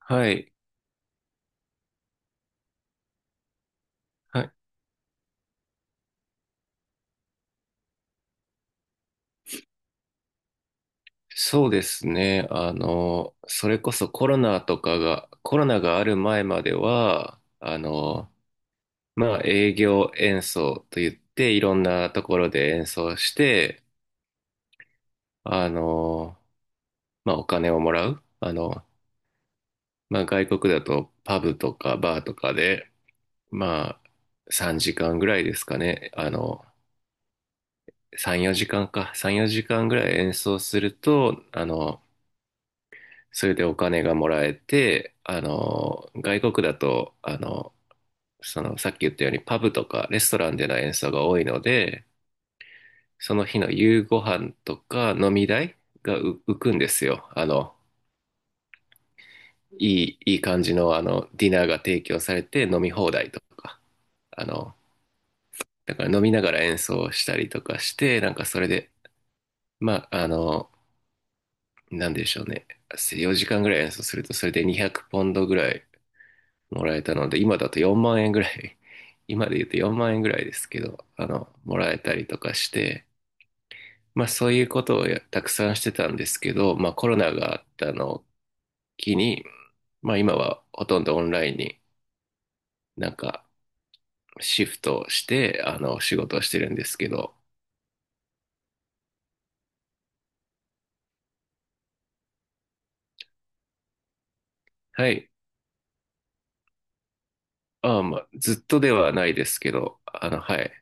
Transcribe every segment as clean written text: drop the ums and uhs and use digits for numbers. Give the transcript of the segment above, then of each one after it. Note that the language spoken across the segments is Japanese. はい。はい。そうですね。それこそコロナがある前までは、まあ、営業演奏と言って、いろんなところで演奏して、あの、まあ、お金をもらう。まあ、外国だとパブとかバーとかで、まあ、3時間ぐらいですかね。3、4時間か。3、4時間ぐらい演奏すると、それでお金がもらえて、外国だと、さっき言ったようにパブとかレストランでの演奏が多いので、その日の夕ご飯とか飲み代が浮くんですよ。いい感じの、ディナーが提供されて飲み放題とか、あの、だから飲みながら演奏したりとかして、なんかそれで、まあ、なんでしょうね。4時間ぐらい演奏すると、それで200ポンドぐらいもらえたので、今だと4万円ぐらい、今で言うと4万円ぐらいですけど、もらえたりとかして、まあそういうことをたくさんしてたんですけど、まあコロナがあったのを機に、まあ今はほとんどオンラインになんかシフトして、仕事をしてるんですけど、はい。ああ、まあずっとではないですけど、はい。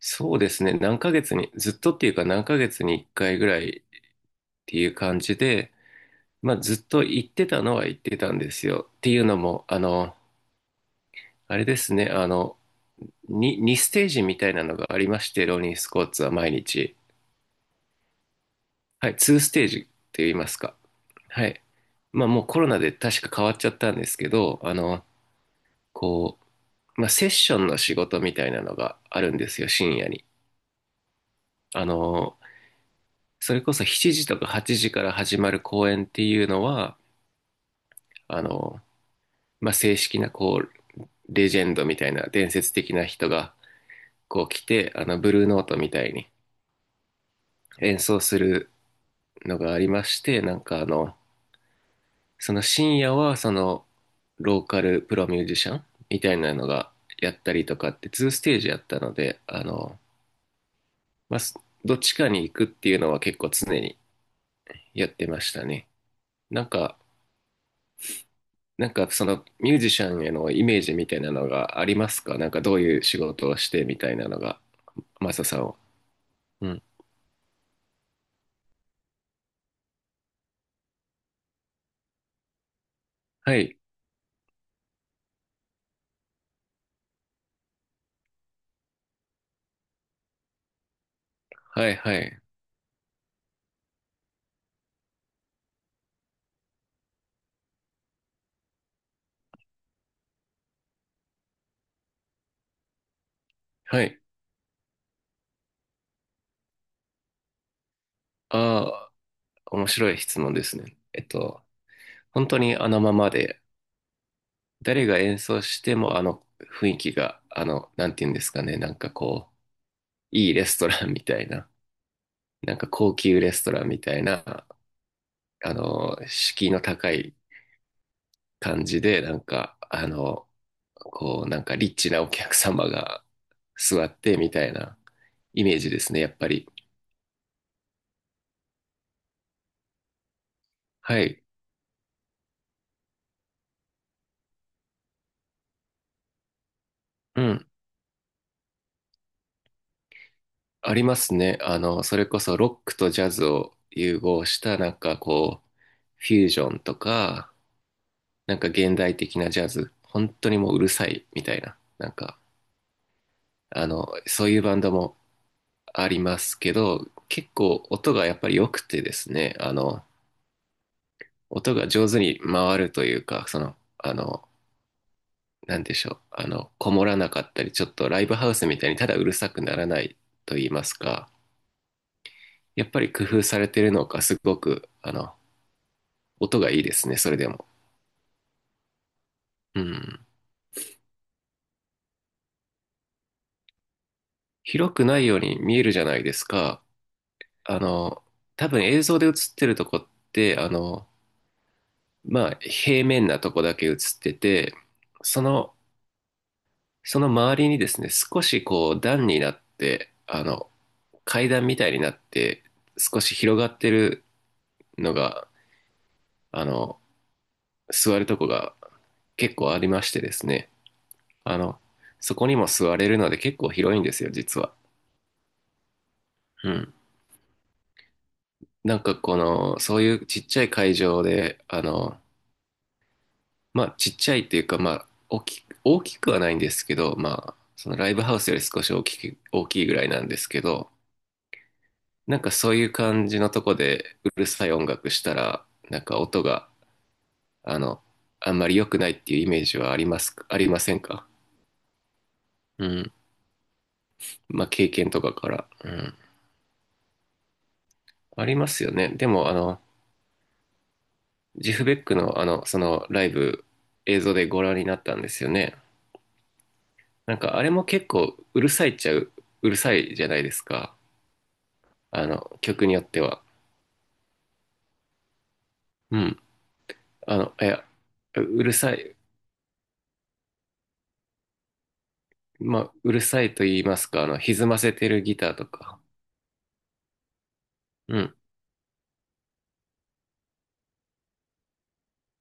そうですね。何ヶ月に、ずっとっていうか何ヶ月に1回ぐらいっていう感じで、まあ、ずっと言ってたのは言ってたんですよ。っていうのも、あれですね、にステージみたいなのがありまして、ローリンスコーツは毎日。はい、2ステージって言いますか。はい。まあもうコロナで確か変わっちゃったんですけど、こまあセッションの仕事みたいなのがあるんですよ、深夜に。あの、それこそ7時とか8時から始まる公演っていうのは、あの、まあ正式なレジェンドみたいな伝説的な人がこう来て、ブルーノートみたいに演奏するのがありまして、なんかその深夜はローカルプロミュージシャンみたいなのがやったりとかってーステージやったので、まあ、どっちかに行くっていうのは結構常にやってましたね。なんか、なんかそのミュージシャンへのイメージみたいなのがありますか？なんかどういう仕事をしてみたいなのが、マサさんは？うん。はい。はいはい。はい。あ、面白い質問ですね。本当にあのままで、誰が演奏してもあの雰囲気が、なんていうんですかね、なんかいいレストランみたいな、なんか高級レストランみたいな、敷居の高い感じで、なんかリッチなお客様が座ってみたいなイメージですね、やっぱり。はい。うん。ありますね。それこそロックとジャズを融合したなんかフュージョンとか、なんか現代的なジャズ、本当にもううるさいみたいな、そういうバンドもありますけど、結構音がやっぱり良くてですね、音が上手に回るというか、なんでしょう、こもらなかったり、ちょっとライブハウスみたいにただうるさくならないと言いますか、やっぱり工夫されてるのか、すごく、音がいいですね、それでも。うん。広くないように見えるじゃないですか。あの、多分映像で映ってるとこって、まあ、平面なとこだけ映ってて、その、その周りにですね、少しこう段になって、階段みたいになって、少し広がってるのが、あの、座るとこが結構ありましてですね、あの、そこにも座れるので結構広いんですよ、実は。うん。なんかこの、そういうちっちゃい会場で、まあちっちゃいっていうか、まあ大きくはないんですけど、まあそのライブハウスより少し大きく、大きいぐらいなんですけど、なんかそういう感じのとこでうるさい音楽したら、なんか音が、あの、あんまり良くないっていうイメージはありますか、ありませんか？うん。まあ経験とかから。うん。ありますよね。でもジフベックのそのライブ映像でご覧になったんですよね。なんかあれも結構うるさいっちゃう、うるさいじゃないですか。曲によっては。うん。いや、うるさい、まあ、うるさいと言いますか、歪ませてるギターとか。うん。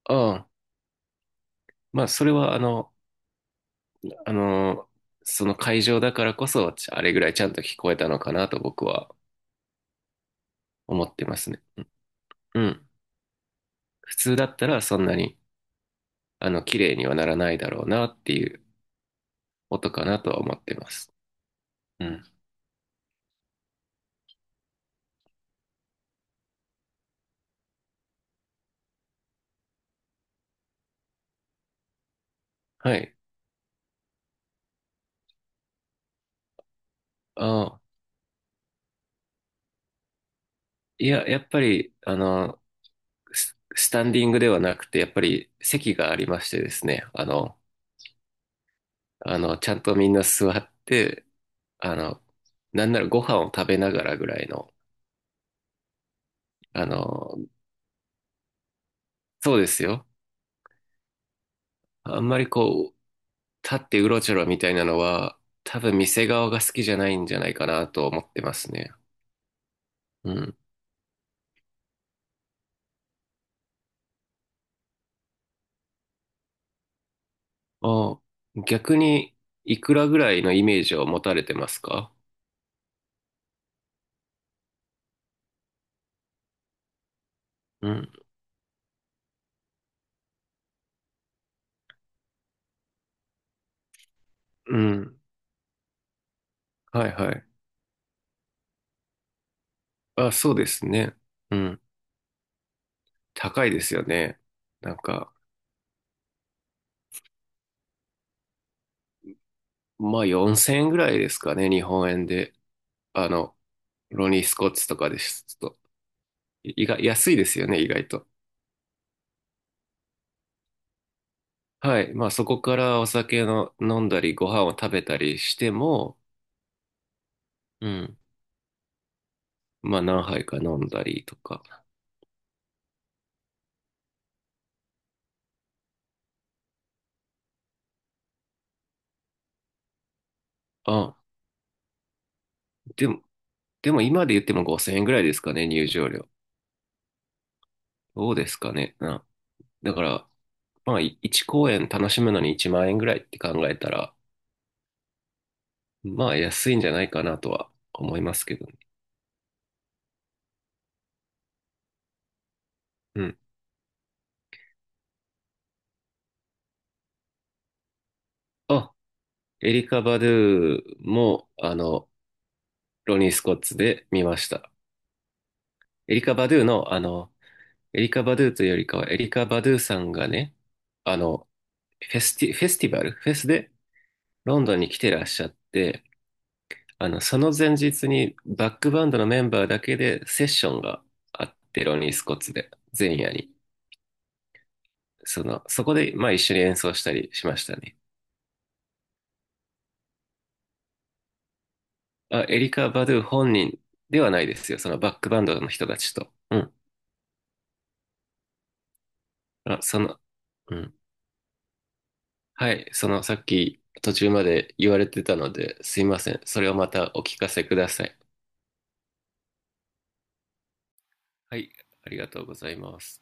ああ、まあ、それはあの、その会場だからこそ、あれぐらいちゃんと聞こえたのかなと僕は思ってますね。うん。普通だったらそんなに、綺麗にはならないだろうなっていう音かなとは思ってます。うん。はい。ああ、いや、やっぱり、スタンディングではなくて、やっぱり席がありましてですね、ちゃんとみんな座って、あの、なんならご飯を食べながらぐらいの、あの、そうですよ。あんまり立ってうろちょろみたいなのは、多分店側が好きじゃないんじゃないかなと思ってますね。うん。あ、逆に、いくらぐらいのイメージを持たれてますか？うん。うん。はいはい。あ、そうですね。うん。高いですよね。なんか、まあ4000円ぐらいですかね、日本円で。あの、ロニー・スコッチとかです。ちょっと、意外、安いですよね、意外と。はい。まあそこからお酒の飲んだり、ご飯を食べたりしても、うん。まあ何杯か飲んだりとか。あ、でも、でも今で言っても5000円ぐらいですかね、入場料。どうですかね。だから、まあ1公演楽しむのに1万円ぐらいって考えたら、まあ安いんじゃないかなとは思いますけどね。うん。あ、エリカ・バドゥも、ロニー・スコッツで見ました。エリカ・バドゥの、エリカ・バドゥというよりかは、エリカ・バドゥさんがね、あの、フェスティバル、フェスでロンドンに来てらっしゃって、その前日にバックバンドのメンバーだけでセッションがあって、ロニー・スコッツで、前夜に。そこで、まあ一緒に演奏したりしましたね。あ、エリカ・バドゥ本人ではないですよ。そのバックバンドの人たちと。うん。あ、うん。はい、さっき途中まで言われてたので、すいません。それをまたお聞かせください。はい、ありがとうございます。